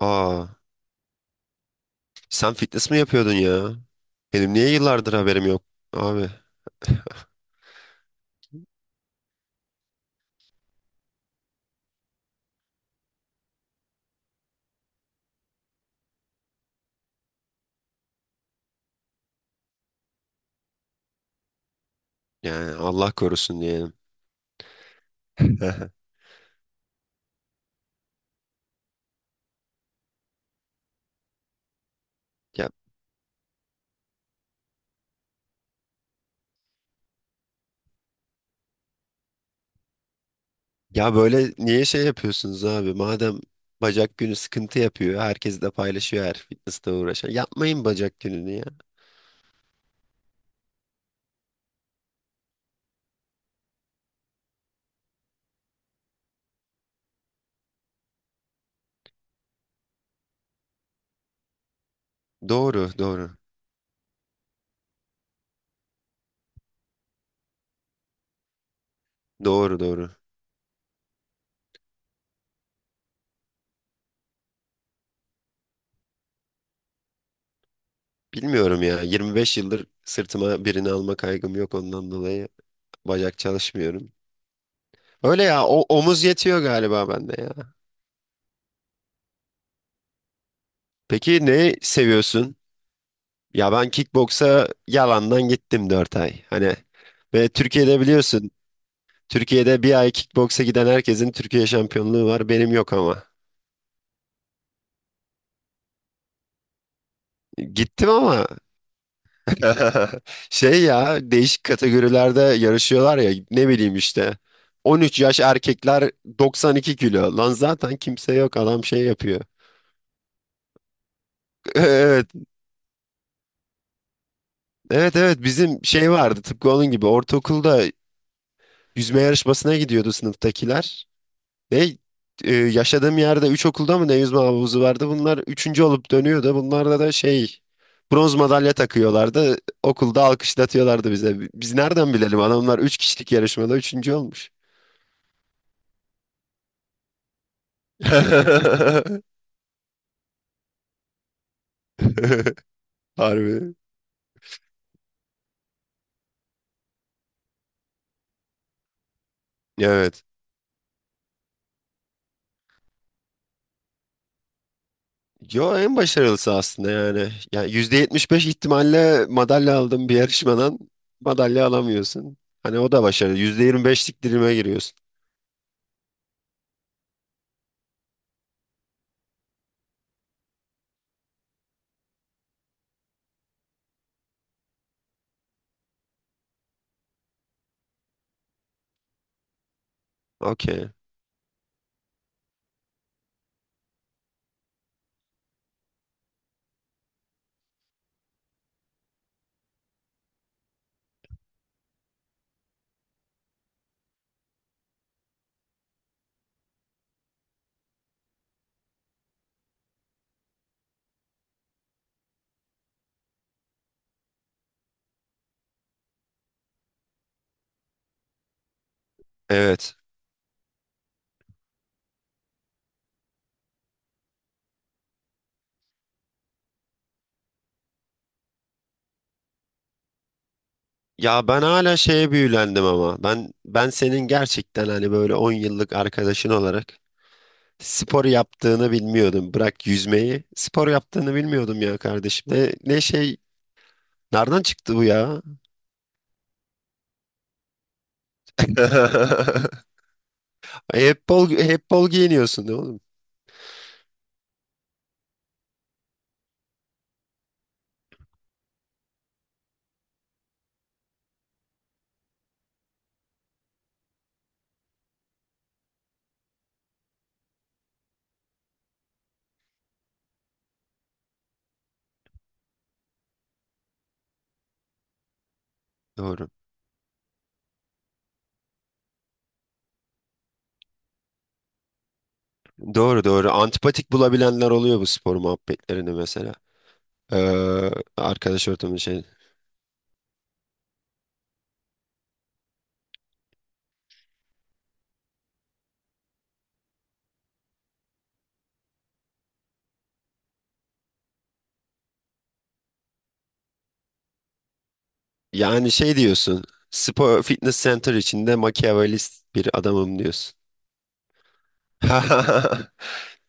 Aa, sen fitness mi yapıyordun ya? Benim niye yıllardır haberim yok abi? Yani Allah korusun diyelim. Ya, ya böyle niye şey yapıyorsunuz abi? Madem bacak günü sıkıntı yapıyor, herkes de paylaşıyor her fitnessle uğraşan. Yapmayın bacak gününü ya. Doğru, doğru. Doğru doğru. Bilmiyorum ya. 25 yıldır sırtıma birini alma kaygım yok ondan dolayı bacak çalışmıyorum. Öyle ya omuz yetiyor galiba bende ya. Peki ne seviyorsun? Ya ben kickboksa yalandan gittim 4 ay. Hani ve Türkiye'de biliyorsun, Türkiye'de bir ay kickboksa giden herkesin Türkiye şampiyonluğu var benim yok ama. Gittim ama. Şey ya, değişik kategorilerde yarışıyorlar ya ne bileyim işte, 13 yaş erkekler 92 kilo lan zaten kimse yok, adam şey yapıyor. Evet evet evet, bizim şey vardı tıpkı onun gibi ortaokulda, yüzme yarışmasına gidiyordu sınıftakiler. Ve yaşadığım yerde 3 okulda mı ne yüzme havuzu vardı, bunlar üçüncü olup dönüyordu, bunlarda da şey, bronz madalya takıyorlardı, okulda alkışlatıyorlardı bize. Biz nereden bilelim adamlar 3 kişilik yarışmada üçüncü olmuş. Harbi. Evet. Yo, en başarılısı aslında yani. Ya %75 ihtimalle madalya aldım, bir yarışmadan madalya alamıyorsun. Hani o da başarılı. Beşlik dilime giriyorsun. Okey. Evet. Ya ben hala şeye büyülendim ama. Ben senin gerçekten hani böyle 10 yıllık arkadaşın olarak spor yaptığını bilmiyordum. Bırak yüzmeyi. Spor yaptığını bilmiyordum ya kardeşim. Ne şey, nereden çıktı bu ya? Hep bol, hep bol giyiniyorsun değil mi oğlum? Doğru. Doğru doğru. Antipatik bulabilenler oluyor bu spor muhabbetlerini mesela. Ee, arkadaş ortamı şey. Yani şey diyorsun. Spor Fitness Center içinde makyavelist bir adamım diyorsun.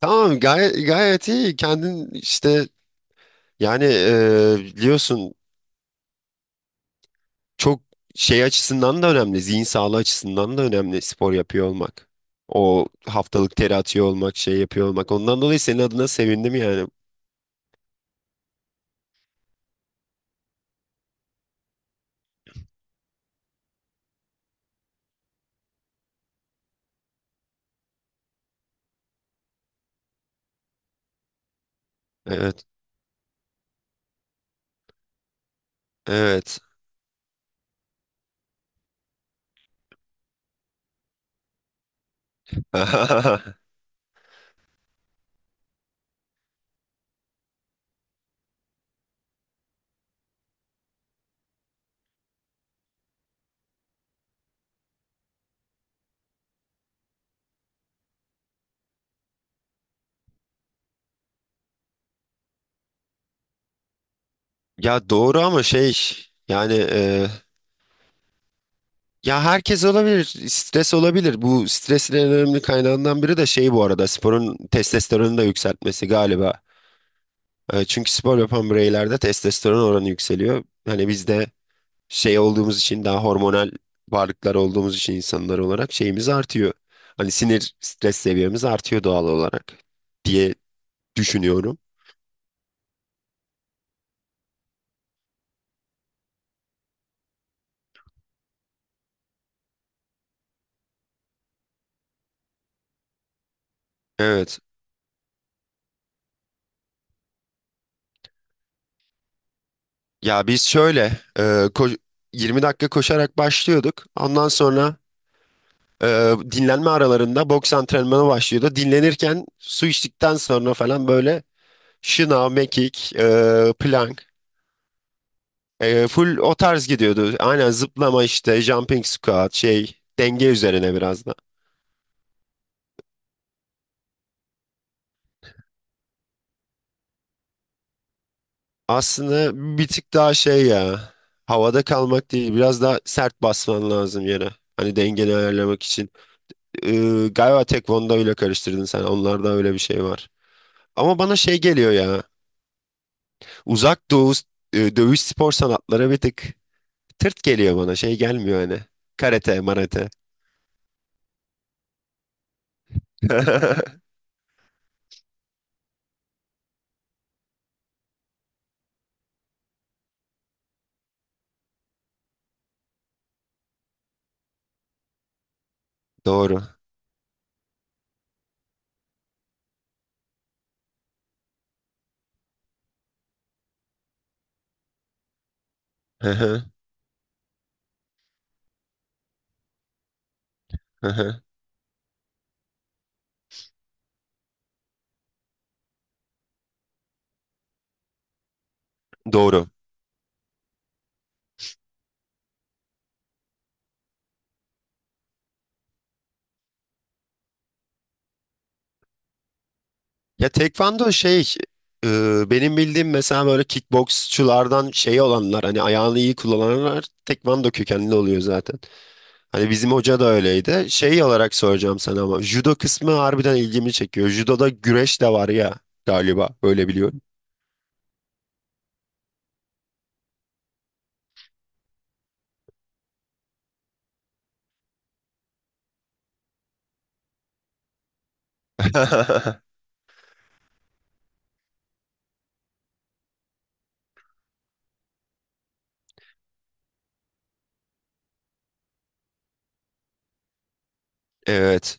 Tamam, gayet gayet iyi kendin işte. Yani biliyorsun, çok şey açısından da önemli, zihin sağlığı açısından da önemli spor yapıyor olmak. O haftalık teri atıyor olmak, şey yapıyor olmak, ondan dolayı senin adına sevindim yani. Evet evet. Ya doğru ama şey yani ya herkes olabilir, stres olabilir. Bu stresin en önemli kaynağından biri de şey, bu arada, sporun testosteronu da yükseltmesi galiba. Çünkü spor yapan bireylerde testosteron oranı yükseliyor. Hani biz de şey olduğumuz için, daha hormonal varlıklar olduğumuz için, insanlar olarak şeyimiz artıyor. Hani sinir stres seviyemiz artıyor doğal olarak diye düşünüyorum. Evet. Ya biz şöyle e, ko- 20 dakika koşarak başlıyorduk. Ondan sonra dinlenme aralarında boks antrenmanı başlıyordu. Dinlenirken su içtikten sonra falan böyle şınav, mekik, plank. Full o tarz gidiyordu. Aynen, zıplama işte, jumping squat şey, denge üzerine biraz da. Aslında bir tık daha şey ya, havada kalmak değil, biraz daha sert basman lazım yere. Hani dengeni ayarlamak için. E, galiba tekvondo ile karıştırdın sen, onlarda öyle bir şey var. Ama bana şey geliyor ya, uzak doğu dövüş spor sanatları bir tık tırt geliyor bana, şey gelmiyor hani. Karate, marate. Doğru. Doğru. Ya tekvando şey, benim bildiğim mesela böyle kickboksçulardan şey olanlar, hani ayağını iyi kullananlar, tekvando kökenli oluyor zaten. Hani bizim hoca da öyleydi. Şey olarak soracağım sana ama judo kısmı harbiden ilgimi çekiyor. Judoda güreş de var ya, galiba öyle biliyorum. Evet.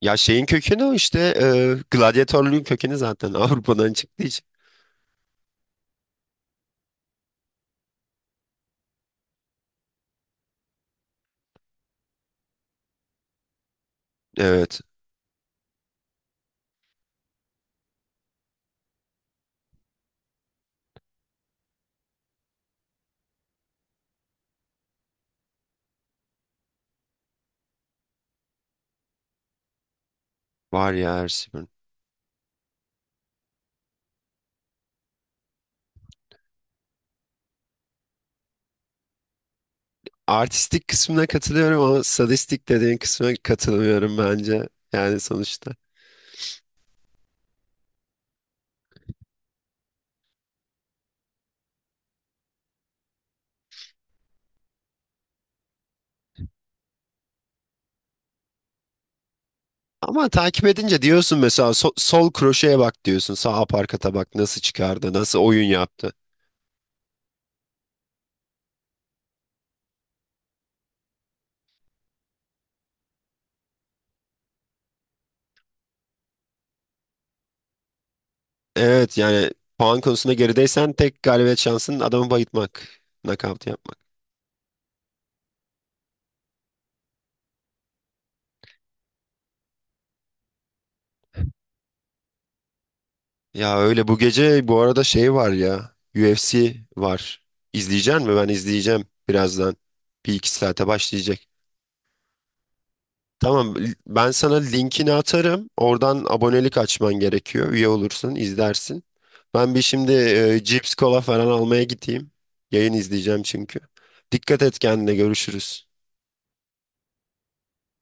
Ya şeyin kökeni o işte, gladyatörlüğün kökeni zaten Avrupa'dan çıktığı için. Evet. Var ya, her şey var. Artistik kısmına katılıyorum ama sadistik dediğin kısmına katılmıyorum bence. Yani sonuçta. Ama takip edince diyorsun mesela, sol kroşeye bak diyorsun. Sağ aparkata bak, nasıl çıkardı, nasıl oyun yaptı. Evet yani, puan konusunda gerideysen tek galibiyet şansın adamı bayıltmak. Knockout yapmak. Ya öyle, bu gece bu arada şey var ya. UFC var. İzleyecek mi? Ben izleyeceğim birazdan. Bir iki saate başlayacak. Tamam, ben sana linkini atarım. Oradan abonelik açman gerekiyor. Üye olursun, izlersin. Ben bir şimdi cips, kola falan almaya gideyim. Yayın izleyeceğim çünkü. Dikkat et kendine, görüşürüz.